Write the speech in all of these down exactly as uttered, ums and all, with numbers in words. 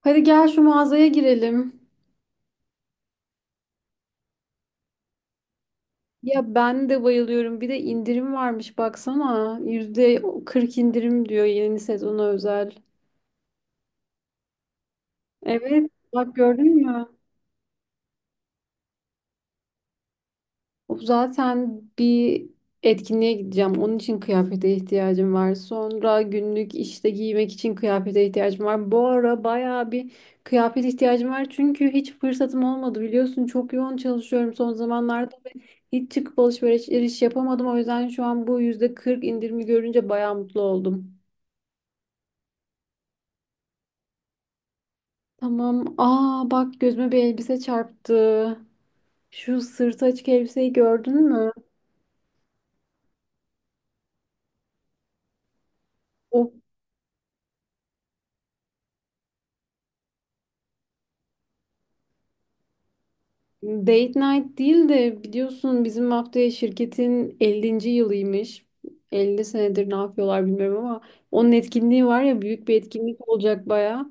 Hadi gel şu mağazaya girelim. Ya ben de bayılıyorum. Bir de indirim varmış baksana. yüzde kırk indirim diyor yeni sezona özel. Evet, bak gördün mü? Zaten bir etkinliğe gideceğim. Onun için kıyafete ihtiyacım var. Sonra günlük işte giymek için kıyafete ihtiyacım var. Bu ara bayağı bir kıyafet ihtiyacım var. Çünkü hiç fırsatım olmadı biliyorsun. Çok yoğun çalışıyorum son zamanlarda. Hiç çıkıp alışveriş yapamadım. O yüzden şu an bu yüzde kırk indirimi görünce bayağı mutlu oldum. Tamam. Aa bak gözüme bir elbise çarptı. Şu sırtı açık elbiseyi gördün mü? O date night değil de biliyorsun bizim haftaya şirketin ellinci yılıymış. elli senedir ne yapıyorlar bilmiyorum ama onun etkinliği var ya büyük bir etkinlik olacak bayağı.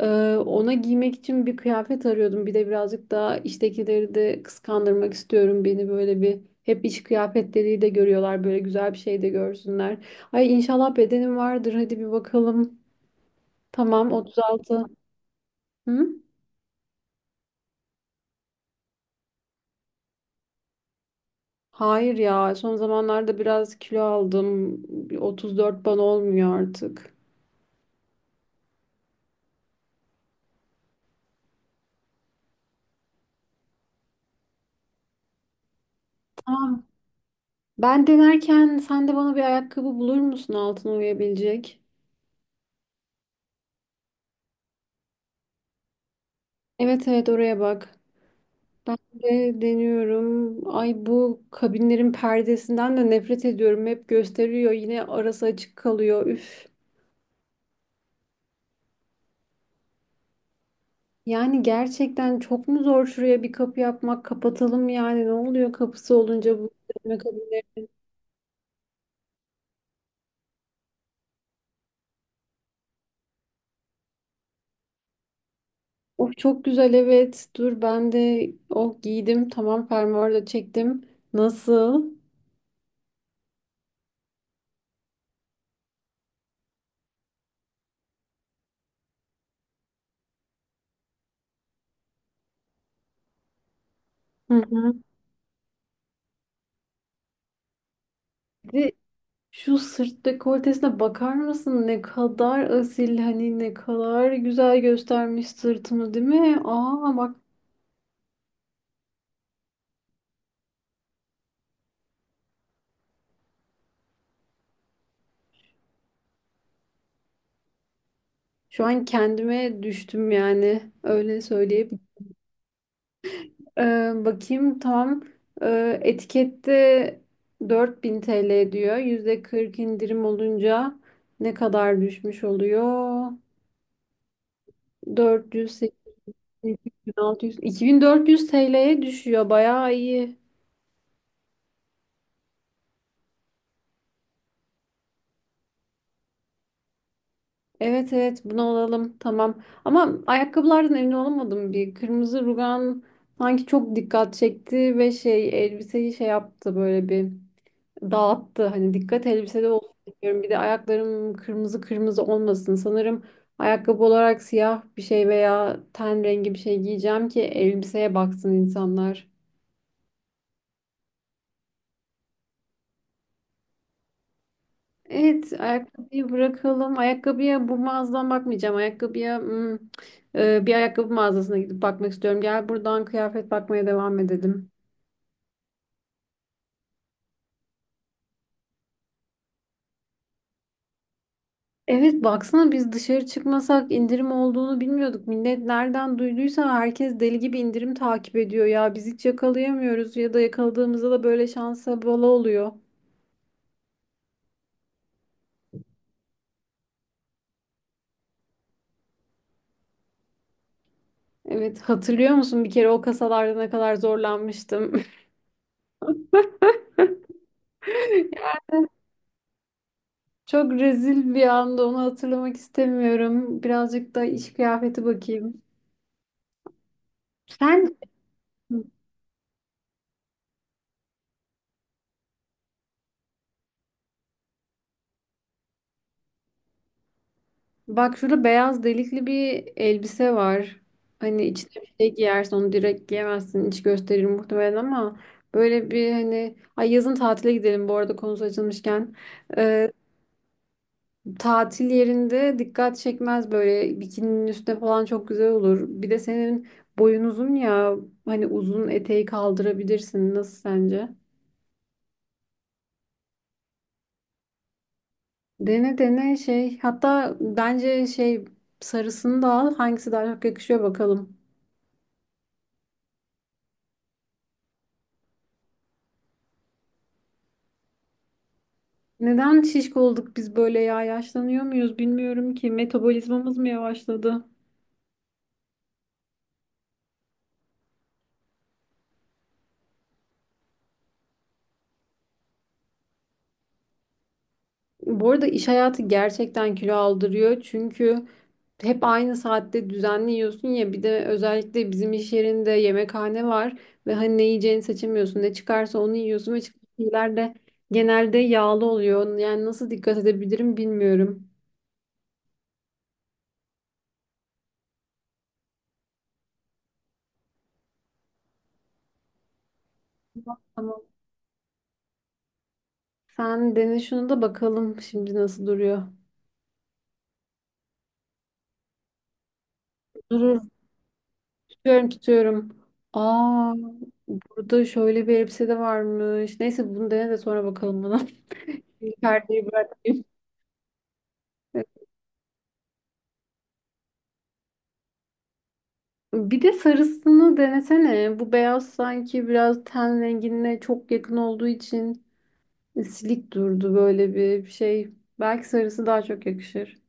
Ee, ona giymek için bir kıyafet arıyordum. Bir de birazcık daha iştekileri de kıskandırmak istiyorum. Beni böyle bir hep iş kıyafetleriyle de görüyorlar. Böyle güzel bir şey de görsünler. Ay inşallah bedenim vardır. Hadi bir bakalım. Tamam otuz altı. Hı? Hayır ya son zamanlarda biraz kilo aldım. Bir otuz dört bana olmuyor artık. Tamam. Ben denerken sen de bana bir ayakkabı bulur musun altına uyabilecek? Evet evet oraya bak. Ben de deniyorum. Ay bu kabinlerin perdesinden de nefret ediyorum. Hep gösteriyor. Yine arası açık kalıyor. Üf. Yani gerçekten çok mu zor şuraya bir kapı yapmak? Kapatalım yani. Ne oluyor kapısı olunca bu dönme kabinleri? Of çok güzel evet. Dur ben de oh giydim. Tamam fermuarı da çektim. Nasıl? Hı hı. Bir de şu sırt dekoltesine bakar mısın? Ne kadar asil hani ne kadar güzel göstermiş sırtımı değil mi? Aa bak şu an kendime düştüm yani öyle söyleyebilirim. Ee, bakayım tam ee, etikette dört bin T L diyor. yüzde kırk indirim olunca ne kadar düşmüş oluyor? dört yüz, sekiz yüz, bin altı yüz, iki bin dört yüz T L'ye düşüyor. Bayağı iyi. Evet evet bunu alalım tamam. Ama ayakkabılardan emin olamadım bir. Kırmızı rugan sanki çok dikkat çekti ve şey elbiseyi şey yaptı böyle bir dağıttı. Hani dikkat elbisede olsun istiyorum. Bir de ayaklarım kırmızı kırmızı olmasın. Sanırım ayakkabı olarak siyah bir şey veya ten rengi bir şey giyeceğim ki elbiseye baksın insanlar. Evet, ayakkabıyı bırakalım. Ayakkabıya bu mağazadan bakmayacağım. Ayakkabıya hmm, e, bir ayakkabı mağazasına gidip bakmak istiyorum. Gel buradan kıyafet bakmaya devam edelim. Evet, baksana biz dışarı çıkmasak indirim olduğunu bilmiyorduk. Millet nereden duyduysa herkes deli gibi indirim takip ediyor ya. Biz hiç yakalayamıyoruz ya da yakaladığımızda da böyle şansa bala oluyor. Evet, hatırlıyor musun bir kere o kasalarda ne kadar zorlanmıştım? Çok rezil bir anda onu hatırlamak istemiyorum. Birazcık da iş kıyafeti bakayım. Sen bak şurada beyaz delikli bir elbise var. Hani içine bir şey giyersin onu direkt giyemezsin. İç gösterir muhtemelen ama böyle bir hani ay yazın tatile gidelim bu arada konusu açılmışken. Ee, tatil yerinde dikkat çekmez böyle bikininin üstüne falan çok güzel olur. Bir de senin boyun uzun ya hani uzun eteği kaldırabilirsin. Nasıl sence? Dene dene şey hatta bence şey sarısını da al hangisi daha çok yakışıyor bakalım. Neden şişko olduk biz böyle ya yaşlanıyor muyuz bilmiyorum ki metabolizmamız mı yavaşladı? Bu arada iş hayatı gerçekten kilo aldırıyor çünkü hep aynı saatte düzenli yiyorsun ya bir de özellikle bizim iş yerinde yemekhane var ve hani ne yiyeceğini seçemiyorsun ne çıkarsa onu yiyorsun ve çıkan şeyler de genelde yağlı oluyor yani nasıl dikkat edebilirim bilmiyorum. Tamam. Sen dene şunu da bakalım şimdi nasıl duruyor. Durur. Tutuyorum tutuyorum. Aa burada şöyle bir elbise de varmış. Neyse bunu dene de sonra bakalım buna. Şimdi perdeyi bırakayım. Bir de sarısını denesene. Bu beyaz sanki biraz ten rengine çok yakın olduğu için silik durdu böyle bir şey. Belki sarısı daha çok yakışır.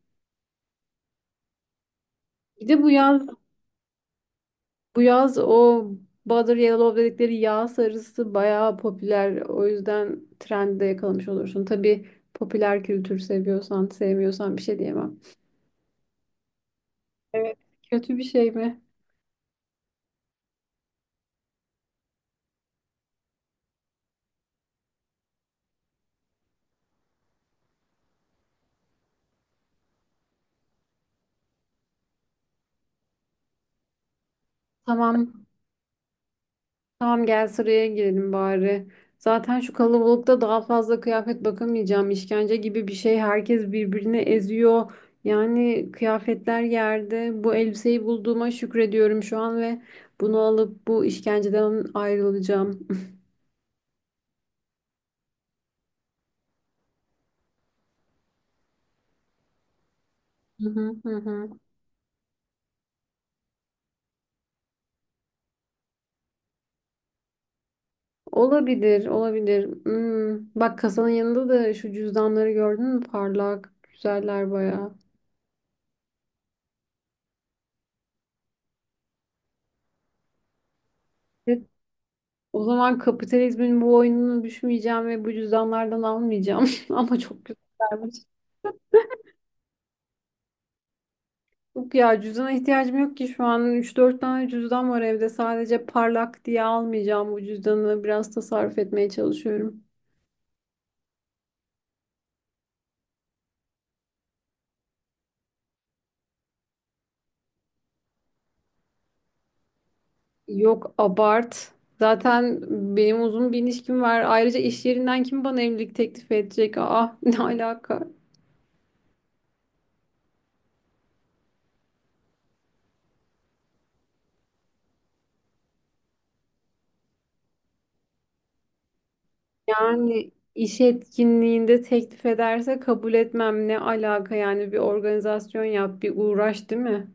Bir de bu yaz bu yaz o Butter Yellow dedikleri yağ sarısı bayağı popüler. O yüzden trendi de yakalamış olursun. Tabii popüler kültür seviyorsan, sevmiyorsan bir şey diyemem. Evet. Kötü bir şey mi? Tamam, tamam gel sıraya girelim bari. Zaten şu kalabalıkta daha fazla kıyafet bakamayacağım. İşkence gibi bir şey. Herkes birbirini eziyor. Yani kıyafetler yerde. Bu elbiseyi bulduğuma şükrediyorum şu an ve bunu alıp bu işkenceden ayrılacağım. Hı hı hı. Hı. Olabilir, olabilir. Hmm, Bak kasanın yanında da şu cüzdanları gördün mü? Parlak, güzeller bayağı. Evet. O zaman kapitalizmin bu oyununu düşmeyeceğim ve bu cüzdanlardan almayacağım. Ama çok güzellermiş. Yok ya cüzdana ihtiyacım yok ki şu an üç dört tane cüzdan var evde. Sadece parlak diye almayacağım bu cüzdanı. Biraz tasarruf etmeye çalışıyorum. Yok abart. Zaten benim uzun bir ilişkim var. Ayrıca iş yerinden kim bana evlilik teklifi edecek? Aa ne alaka? Yani iş etkinliğinde teklif ederse kabul etmem ne alaka yani bir organizasyon yap bir uğraş değil mi?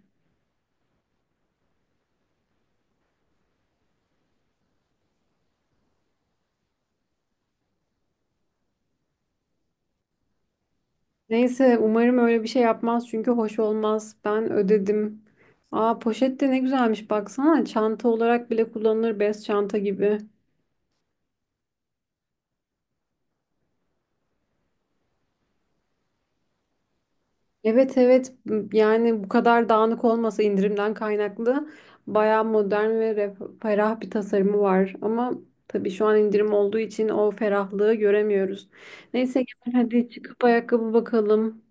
Neyse umarım öyle bir şey yapmaz çünkü hoş olmaz. Ben ödedim. Aa poşet de ne güzelmiş baksana çanta olarak bile kullanılır bez çanta gibi. Evet evet yani bu kadar dağınık olmasa indirimden kaynaklı bayağı modern ve ref- ferah bir tasarımı var. Ama tabii şu an indirim olduğu için o ferahlığı göremiyoruz. Neyse gel hadi çıkıp ayakkabı bakalım.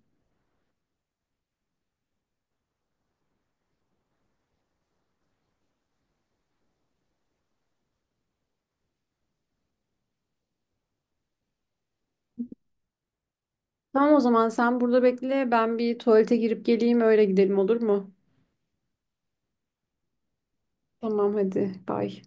Tamam o zaman sen burada bekle ben bir tuvalete girip geleyim öyle gidelim olur mu? Tamam hadi bay.